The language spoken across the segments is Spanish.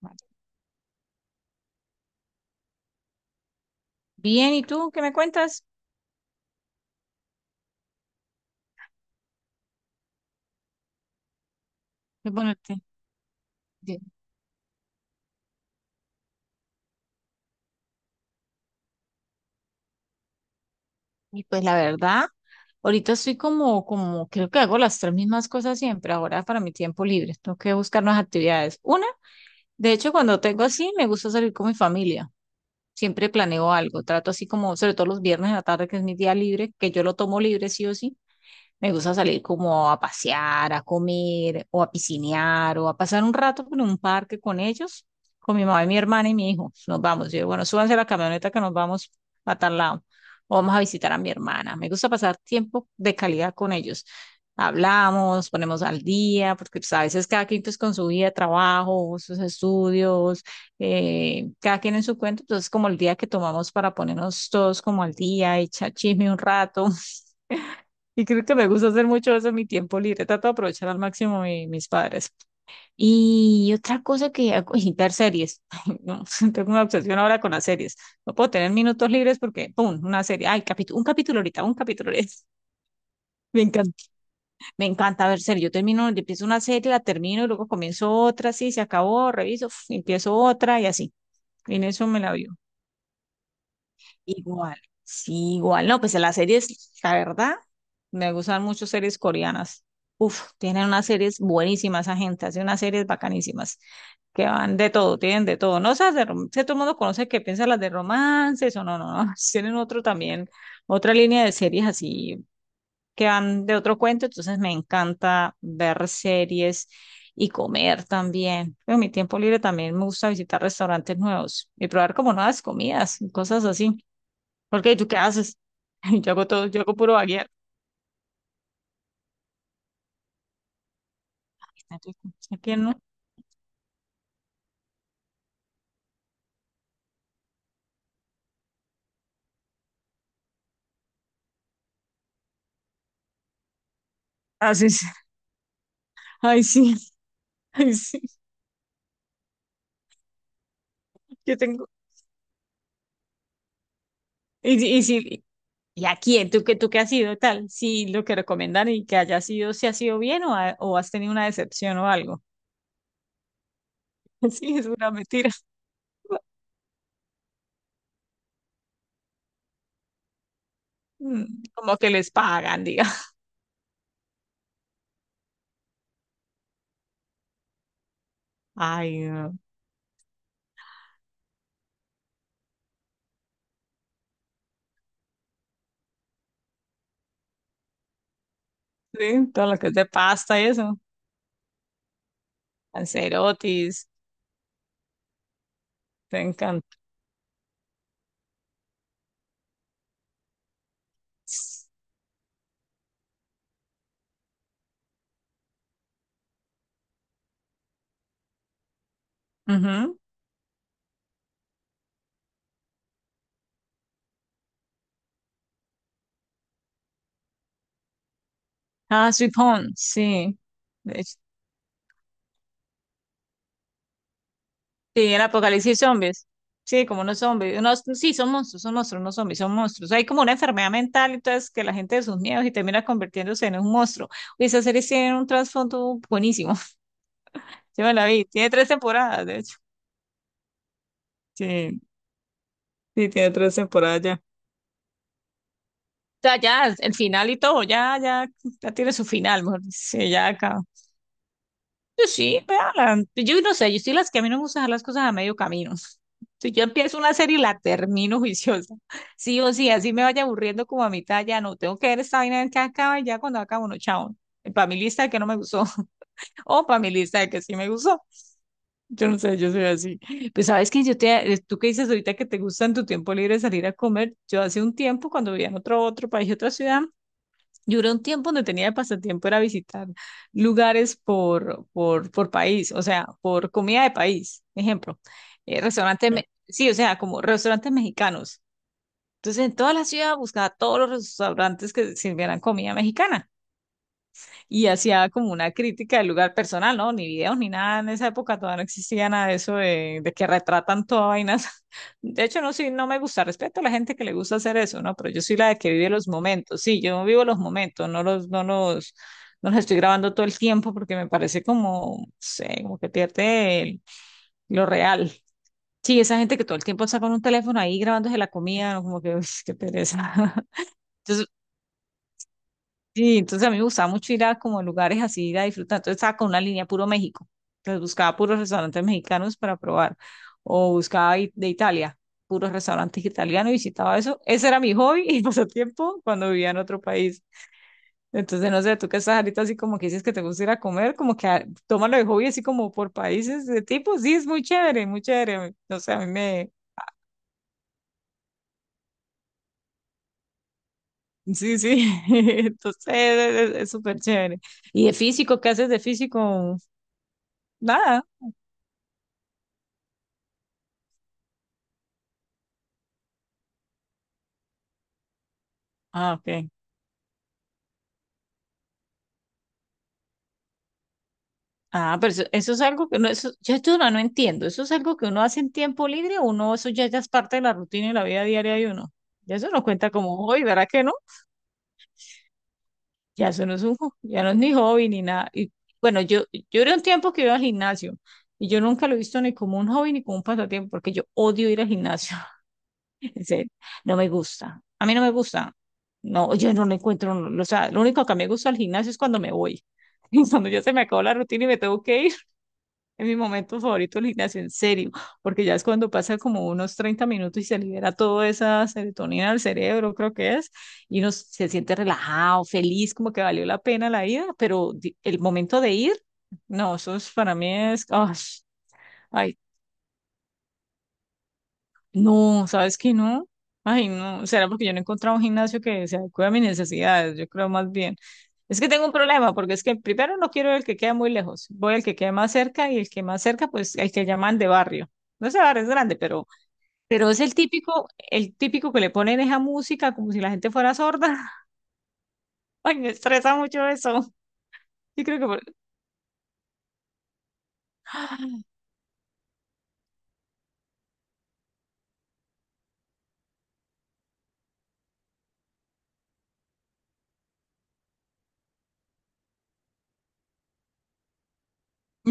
Vale. Bien, ¿y tú qué me cuentas? Qué bueno. Te- Y pues la verdad, ahorita estoy como, creo que hago las tres mismas cosas siempre. Ahora para mi tiempo libre, tengo que buscar nuevas actividades. Una, de hecho, cuando tengo así, me gusta salir con mi familia. Siempre planeo algo, trato así como, sobre todo los viernes en la tarde, que es mi día libre, que yo lo tomo libre sí o sí. Me gusta salir como a pasear, a comer, o a piscinear, o a pasar un rato en un parque con ellos, con mi mamá y mi hermana y mi hijo. Nos vamos. Yo, digo, bueno, súbanse a la camioneta que nos vamos a tal lado. O vamos a visitar a mi hermana. Me gusta pasar tiempo de calidad con ellos. Hablamos, ponemos al día, porque pues, a veces cada quien pues, con su vida, trabajo, sus estudios, cada quien en su cuento. Entonces, como el día que tomamos para ponernos todos como al día, echar chisme un rato. Y creo que me gusta hacer mucho eso en mi tiempo libre. Trato de aprovechar al máximo mis padres. Y otra cosa que hago, y ver series. Ay, no, tengo una obsesión ahora con las series. No puedo tener minutos libres porque, ¡pum! Una serie. Ay, capítulo, un capítulo ahorita, un capítulo ahorita. Me encanta, me encanta ver series. Yo termino, yo empiezo una serie, la termino y luego comienzo otra, sí, se acabó, reviso, uf, empiezo otra y así. En eso me la vio. Igual, sí, igual. No, pues las series, la verdad, me gustan mucho series coreanas. Uf, tienen unas series buenísimas, esa gente, hace unas series bacanísimas, que van de todo, tienen de todo. No, esas de romance, todo el mundo conoce que piensa las de romances o no, no, no. Tienen otro también, otra línea de series así que van de otro cuento, entonces me encanta ver series y comer también. En mi tiempo libre también me gusta visitar restaurantes nuevos y probar como nuevas comidas, y cosas así. ¿Porque tú qué haces? Yo hago todo, yo hago puro vaguear. ¿Qué no haces? Ay, sí, ay, sí, yo tengo. Y, si- y, si- ¿Y a quién? Tú qué has sido tal? Si lo que recomiendan y que haya sido, si ha sido bien o, o has tenido una decepción o algo. Sí, es una mentira. Mm, como que les pagan, diga. Ay, no. Sí, todo lo que es de pasta y eso. Cancerotis, te encanta. Ujú. Ah, Sweet Home, sí. Sí, el apocalipsis zombies. Sí, como no zombies. Unos, sí, son monstruos, no zombies, son monstruos. Hay como una enfermedad mental, entonces que la gente de sus miedos y termina convirtiéndose en un monstruo. Y esa serie tiene un trasfondo buenísimo. Yo me la vi. Tiene tres temporadas, de hecho. Sí, sí, tiene tres temporadas ya. O sea, ya, el final y todo, ya tiene su final, mejor dicho. Sí, ya acá. Yo sí, véala. Yo no sé, yo soy las que a mí no me gusta dejar las cosas a medio camino. Si yo empiezo una serie y la termino juiciosa, sí o sí, así me vaya aburriendo como a mitad, ya no, tengo que ver esta vaina a ver que acaba y ya cuando acabo no, chao. Para mi lista de que no me gustó, o para mi lista de que sí me gustó. Yo no sé, yo soy así. Pues sabes que yo te, tú que dices ahorita que te gusta en tu tiempo libre salir a comer, yo hace un tiempo cuando vivía en otro país, otra ciudad, yo era un tiempo donde tenía de pasatiempo era visitar lugares por país, o sea, por comida de país. Ejemplo, restaurantes, sí, o sea, como restaurantes mexicanos. Entonces, en toda la ciudad buscaba todos los restaurantes que sirvieran comida mexicana y hacía como una crítica del lugar personal, ¿no? Ni videos ni nada en esa época, todavía no existía nada de eso de, que retratan toda vainas. De hecho, no, sí, no me gusta, respeto a la gente que le gusta hacer eso, ¿no? Pero yo soy la de que vive los momentos, sí, yo vivo los momentos, no los, no los estoy grabando todo el tiempo porque me parece como, no sé, como que pierde lo real. Sí, esa gente que todo el tiempo está con un teléfono ahí grabándose la comida, ¿no? Como que, uy, qué pereza. Entonces, Sí, entonces a mí me gustaba mucho ir a como lugares así, ir a disfrutar. Entonces estaba con una línea puro México. Entonces buscaba puros restaurantes mexicanos para probar. O buscaba de Italia, puros restaurantes italianos y visitaba eso. Ese era mi hobby y pasatiempo cuando vivía en otro país. Entonces, no sé, tú que estás ahorita así como que dices que te gusta ir a comer, como que ah, tómalo de hobby así como por países de tipo. Sí, es muy chévere, muy chévere. No sé, a mí me... Sí, sí. Entonces, es súper chévere. ¿Y de físico? ¿Qué haces de físico? Nada. Ah, ok. Ah, pero eso es algo que no, eso, yo esto no, no entiendo. ¿Eso es algo que uno hace en tiempo libre o uno, eso ya es parte de la rutina y la vida diaria de uno? Ya eso no cuenta como hobby, ¿verdad que no? Ya eso no es un, ya no es ni hobby ni nada. Y bueno, yo era un tiempo que iba al gimnasio y yo nunca lo he visto ni como un hobby ni como un pasatiempo porque yo odio ir al gimnasio. En serio, no me gusta. A mí no me gusta. No, yo no lo encuentro. O sea, lo único que a mí me gusta al gimnasio es cuando me voy. Cuando ya se me acabó la rutina y me tengo que ir. En mi momento favorito el gimnasio, en serio, porque ya es cuando pasa como unos 30 minutos y se libera toda esa serotonina del cerebro, creo que es, y uno se siente relajado, feliz, como que valió la pena la ida, pero el momento de ir, no, eso es, para mí es, ¡ay! Ay, no, ¿sabes qué no? Ay, no, será porque yo no he encontrado un gimnasio que se adecue a mis necesidades, yo creo más bien. Es que tengo un problema, porque es que primero no quiero el que queda muy lejos, voy al que queda más cerca y el que más cerca, pues el que llaman de barrio. No sé, barrio es grande, pero es el típico que le ponen esa música como si la gente fuera sorda. Ay, me estresa mucho eso. Yo creo que por-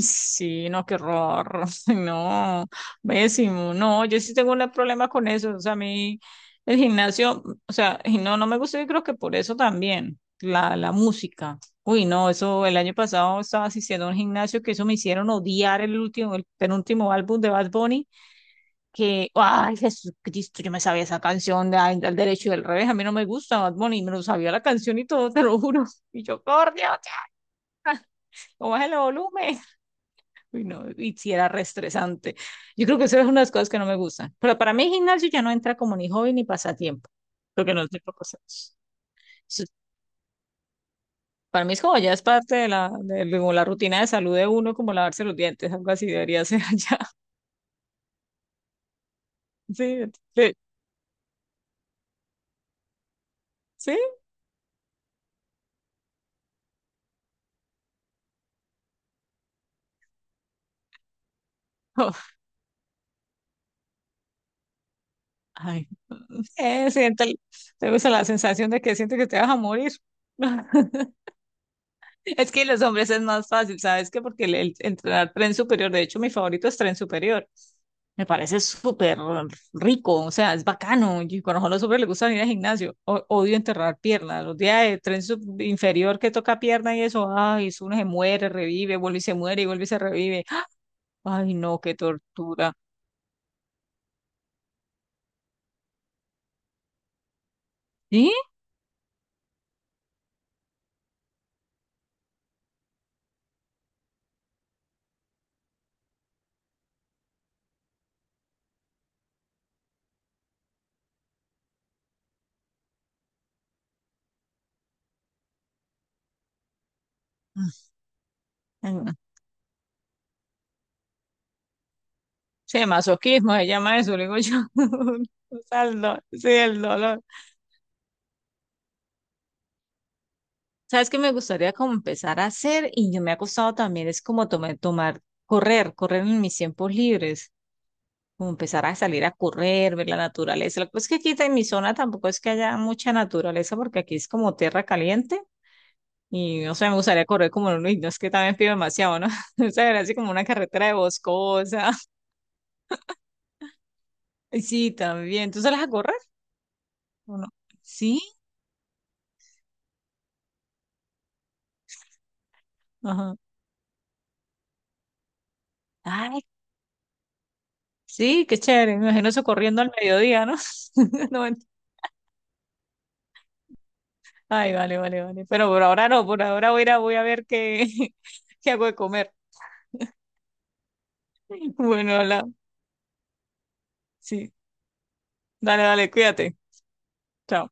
Sí, no, qué horror. No, pésimo. No, yo sí tengo un problema con eso. O sea, a mí el gimnasio, o sea, y no, no me gusta y creo que por eso también, la música. Uy, no, eso el año pasado estaba asistiendo a un gimnasio que eso me hicieron odiar el último, el penúltimo álbum de Bad Bunny, que, ay, Jesucristo, yo me sabía esa canción de al derecho y del revés. A mí no me gusta Bad Bunny, me lo sabía la canción y todo, te lo juro. Y yo, por Dios, ya, bájale el volumen. Uy, no, y si era re estresante. Yo creo que eso es una de las cosas que no me gustan. Pero para mí el gimnasio ya no entra como ni hobby ni pasatiempo, porque no es de propósitos. Eso- Para mí es como ya es parte de la, como la rutina de salud de uno, como lavarse los dientes, algo así debería ser allá. Sí, sí, sí. Oh, ay, eh, siento- te gusta la sensación de que sientes que te vas a morir. Es que los hombres es más fácil, ¿sabes qué? Porque el entrenar tren superior, de hecho, mi favorito es tren superior. Me parece súper rico, o sea, es bacano. Y conozco a los hombres les gusta ir al gimnasio. Odio enterrar piernas. Los días de tren inferior que toca pierna y eso, ay, eso uno se muere, revive, vuelve y se muere y vuelve y se revive. Ay, no, qué tortura. ¿Sí? Ay, no. Sí, masoquismo se llama eso, le digo yo. O sea, el sí, el dolor. Sabes que me gustaría como empezar a hacer y yo me ha costado también es como correr en mis tiempos libres, como empezar a salir a correr, ver la naturaleza. Lo que pasa es que aquí en mi zona tampoco es que haya mucha naturaleza porque aquí es como tierra caliente y no sé, me gustaría correr como en un y no es que también pido demasiado, ¿no? O sea, era así como una carretera de boscosa. Y sí, también. ¿Tú sales a correr o no? Sí, ajá. Ay, sí, qué chévere. Me imagino eso corriendo al mediodía, ¿no? No. Ay, vale, vale, vale. Pero por ahora no, por ahora voy a ir a, voy a ver qué, qué hago de comer. Bueno, hola. Sí. Dale, dale, cuídate. Chao.